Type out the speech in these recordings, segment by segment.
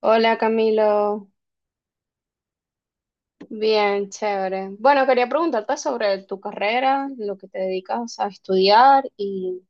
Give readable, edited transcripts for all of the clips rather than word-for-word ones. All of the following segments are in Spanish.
Hola Camilo, bien, chévere. Bueno, quería preguntarte sobre tu carrera, lo que te dedicas a estudiar y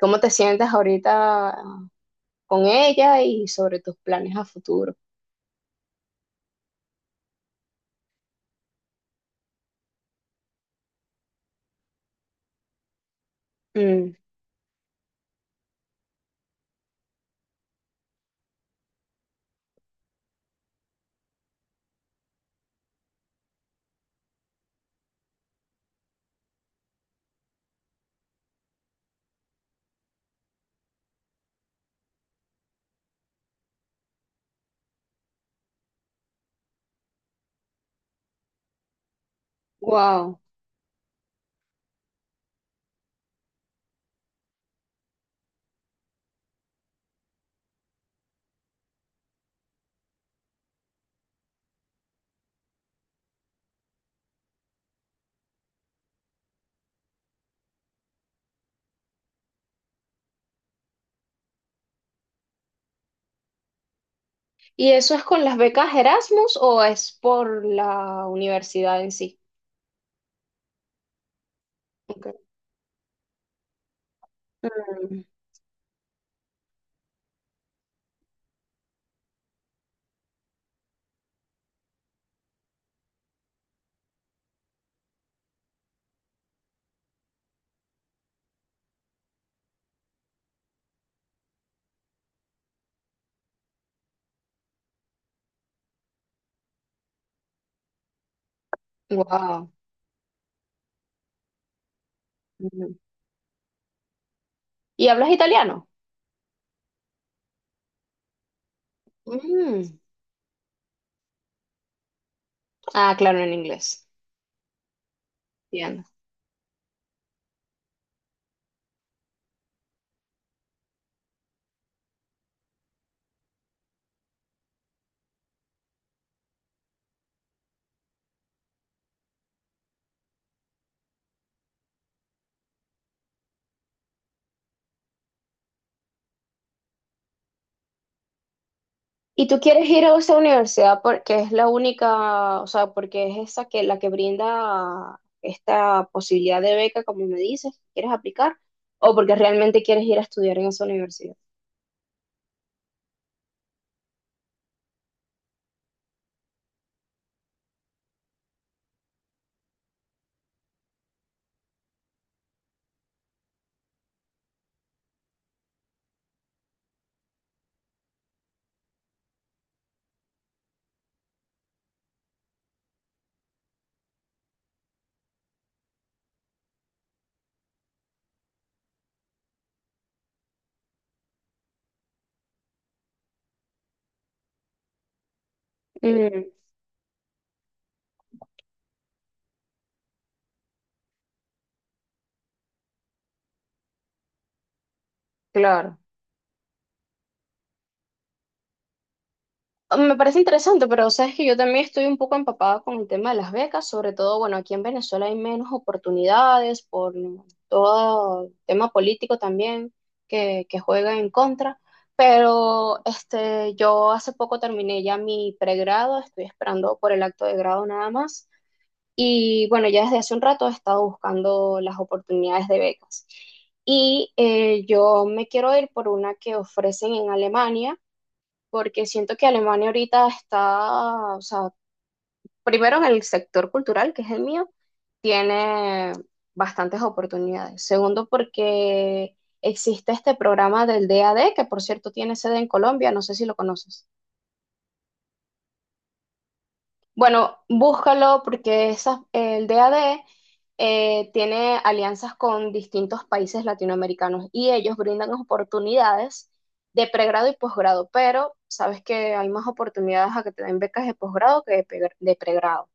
cómo te sientes ahorita, con ella y sobre tus planes a futuro. Mm, wow. ¿Y eso es con las becas Erasmus o es por la universidad en sí? Ok. Mm, wow. Mm. ¿Y hablas italiano? Mm. Ah, claro, en inglés. Y tú quieres ir a esa universidad porque es la única, o sea, porque es esa, que la que brinda esta posibilidad de beca, como me dices, quieres aplicar, o porque realmente quieres ir a estudiar en esa universidad. Mm, claro. Me parece interesante, pero sabes que yo también estoy un poco empapada con el tema de las becas, sobre todo, bueno, aquí en Venezuela hay menos oportunidades por todo el tema político también que juega en contra, pero este, yo hace poco terminé ya mi pregrado, estoy esperando por el acto de grado nada más, y bueno, ya desde hace un rato he estado buscando las oportunidades de becas. Y yo me quiero ir por una que ofrecen en Alemania porque siento que Alemania ahorita está, o sea, primero en el sector cultural, que es el mío, tiene bastantes oportunidades. Segundo, porque existe este programa del DAD, que por cierto tiene sede en Colombia, no sé si lo conoces. Bueno, búscalo porque el DAD tiene alianzas con distintos países latinoamericanos y ellos brindan oportunidades de pregrado y posgrado, pero sabes que hay más oportunidades a que te den becas de posgrado que de pregrado.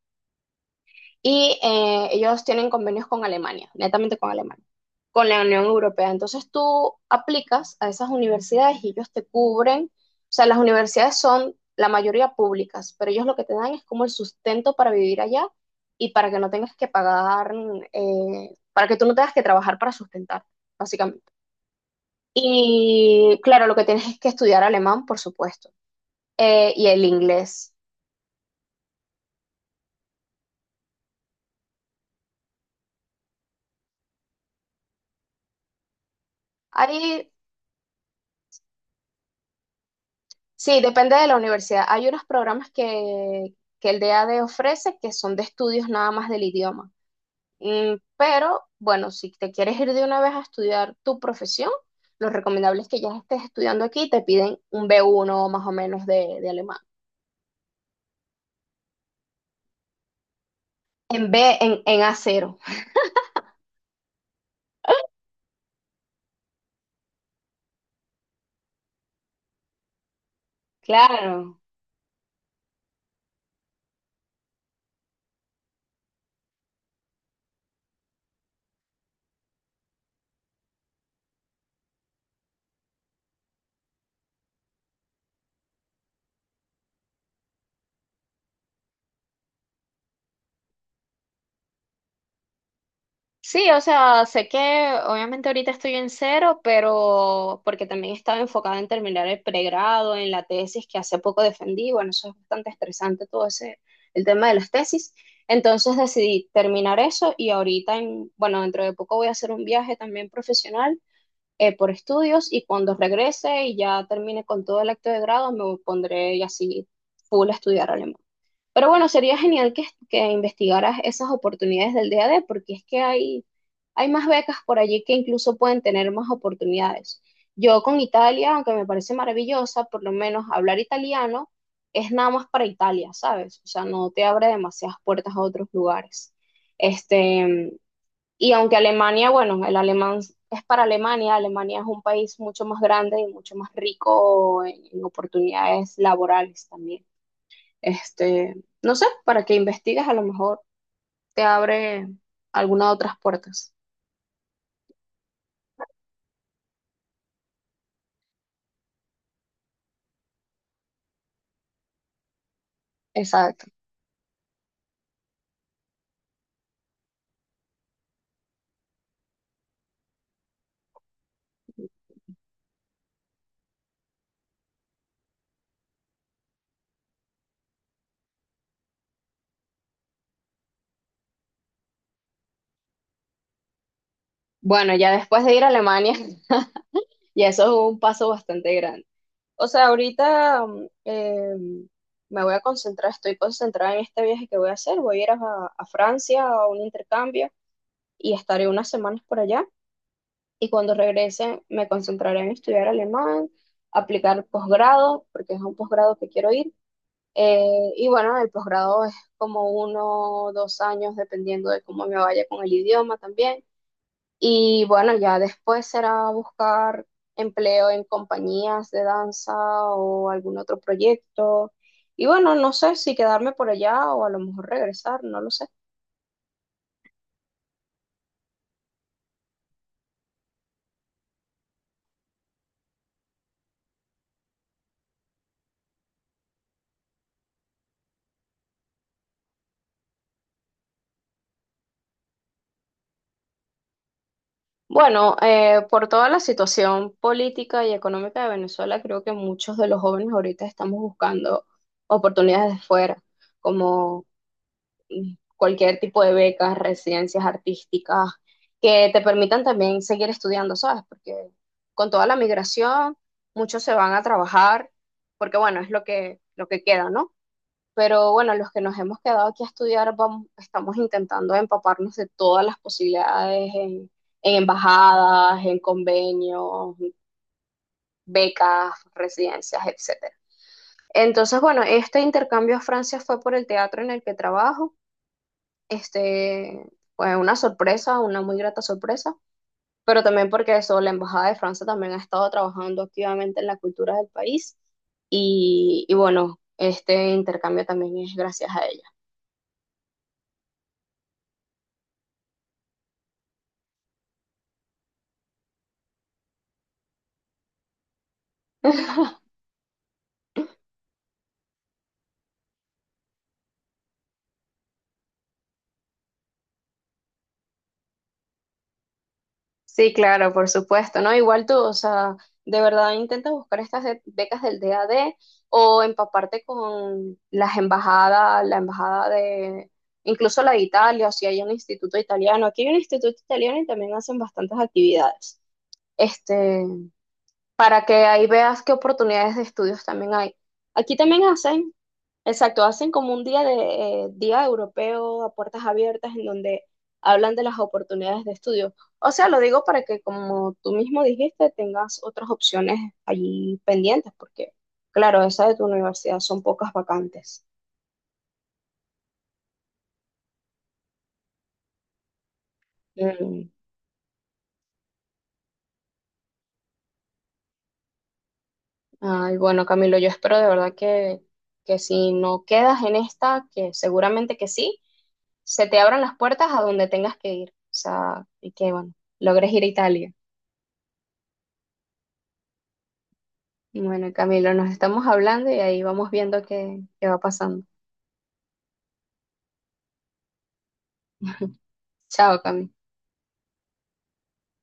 Y ellos tienen convenios con Alemania, netamente con Alemania, con la Unión Europea. Entonces tú aplicas a esas universidades y ellos te cubren. O sea, las universidades son la mayoría públicas, pero ellos lo que te dan es como el sustento para vivir allá y para que no tengas que pagar, para que tú no tengas que trabajar para sustentar, básicamente. Y claro, lo que tienes es que estudiar alemán, por supuesto, y el inglés. Hay Sí, depende de la universidad. Hay unos programas que el DAD ofrece que son de estudios nada más del idioma. Pero bueno, si te quieres ir de una vez a estudiar tu profesión, lo recomendable es que ya estés estudiando aquí y te piden un B1 más o menos de alemán. En a cero. Claro. Sí, o sea, sé que obviamente ahorita estoy en cero, pero porque también estaba enfocada en terminar el pregrado, en la tesis que hace poco defendí, bueno, eso es bastante estresante todo ese, el tema de las tesis. Entonces decidí terminar eso y ahorita, bueno, dentro de poco voy a hacer un viaje también profesional, por estudios, y cuando regrese y ya termine con todo el acto de grado, me pondré y así full a estudiar alemán. Pero bueno, sería genial que investigaras esas oportunidades del D a DAD, porque es que hay más becas por allí que incluso pueden tener más oportunidades. Yo con Italia, aunque me parece maravillosa, por lo menos hablar italiano es nada más para Italia, ¿sabes? O sea, no te abre demasiadas puertas a otros lugares. Este, y aunque Alemania, bueno, el alemán es para Alemania, Alemania es un país mucho más grande y mucho más rico en, oportunidades laborales también. Este, no sé, para que investigues, a lo mejor te abre alguna otras puertas. Exacto. Bueno, ya después de ir a Alemania, ya eso es un paso bastante grande. O sea, ahorita me voy a concentrar, estoy concentrada en este viaje que voy a hacer. Voy a ir a Francia, a un intercambio, y estaré unas semanas por allá. Y cuando regrese, me concentraré en estudiar alemán, aplicar posgrado, porque es un posgrado que quiero ir. Y bueno, el posgrado es como uno o dos años, dependiendo de cómo me vaya con el idioma también. Y bueno, ya después será buscar empleo en compañías de danza o algún otro proyecto. Y bueno, no sé si quedarme por allá o a lo mejor regresar, no lo sé. Bueno, por toda la situación política y económica de Venezuela, creo que muchos de los jóvenes ahorita estamos buscando oportunidades de fuera, como cualquier tipo de becas, residencias artísticas, que te permitan también seguir estudiando, ¿sabes? Porque con toda la migración, muchos se van a trabajar, porque bueno, es lo que queda, ¿no? Pero bueno, los que nos hemos quedado aquí a estudiar, vamos, estamos intentando empaparnos de todas las posibilidades en, embajadas, en convenios, becas, residencias, etcétera. Entonces, bueno, este intercambio a Francia fue por el teatro en el que trabajo, este, fue una sorpresa, una muy grata sorpresa, pero también porque eso, la Embajada de Francia también ha estado trabajando activamente en la cultura del país y bueno, este intercambio también es gracias a ella. Sí, claro, por supuesto, ¿no? Igual tú, o sea, de verdad intenta buscar estas becas del DAD o empaparte con las embajadas, la embajada de, incluso la de Italia, o si hay un instituto italiano. Aquí hay un instituto italiano y también hacen bastantes actividades. este, para que ahí veas qué oportunidades de estudios también hay. Aquí también hacen, exacto, hacen como un día de día europeo a puertas abiertas en donde hablan de las oportunidades de estudio. O sea, lo digo para que, como tú mismo dijiste, tengas otras opciones allí pendientes, porque, claro, esa de tu universidad son pocas vacantes. Mm. Ay, bueno, Camilo, yo espero de verdad que si no quedas en esta, que seguramente que sí, se te abran las puertas a donde tengas que ir. O sea, y que, bueno, logres ir a Italia. Y bueno, Camilo, nos estamos hablando y ahí vamos viendo qué va pasando. Chao, Camilo.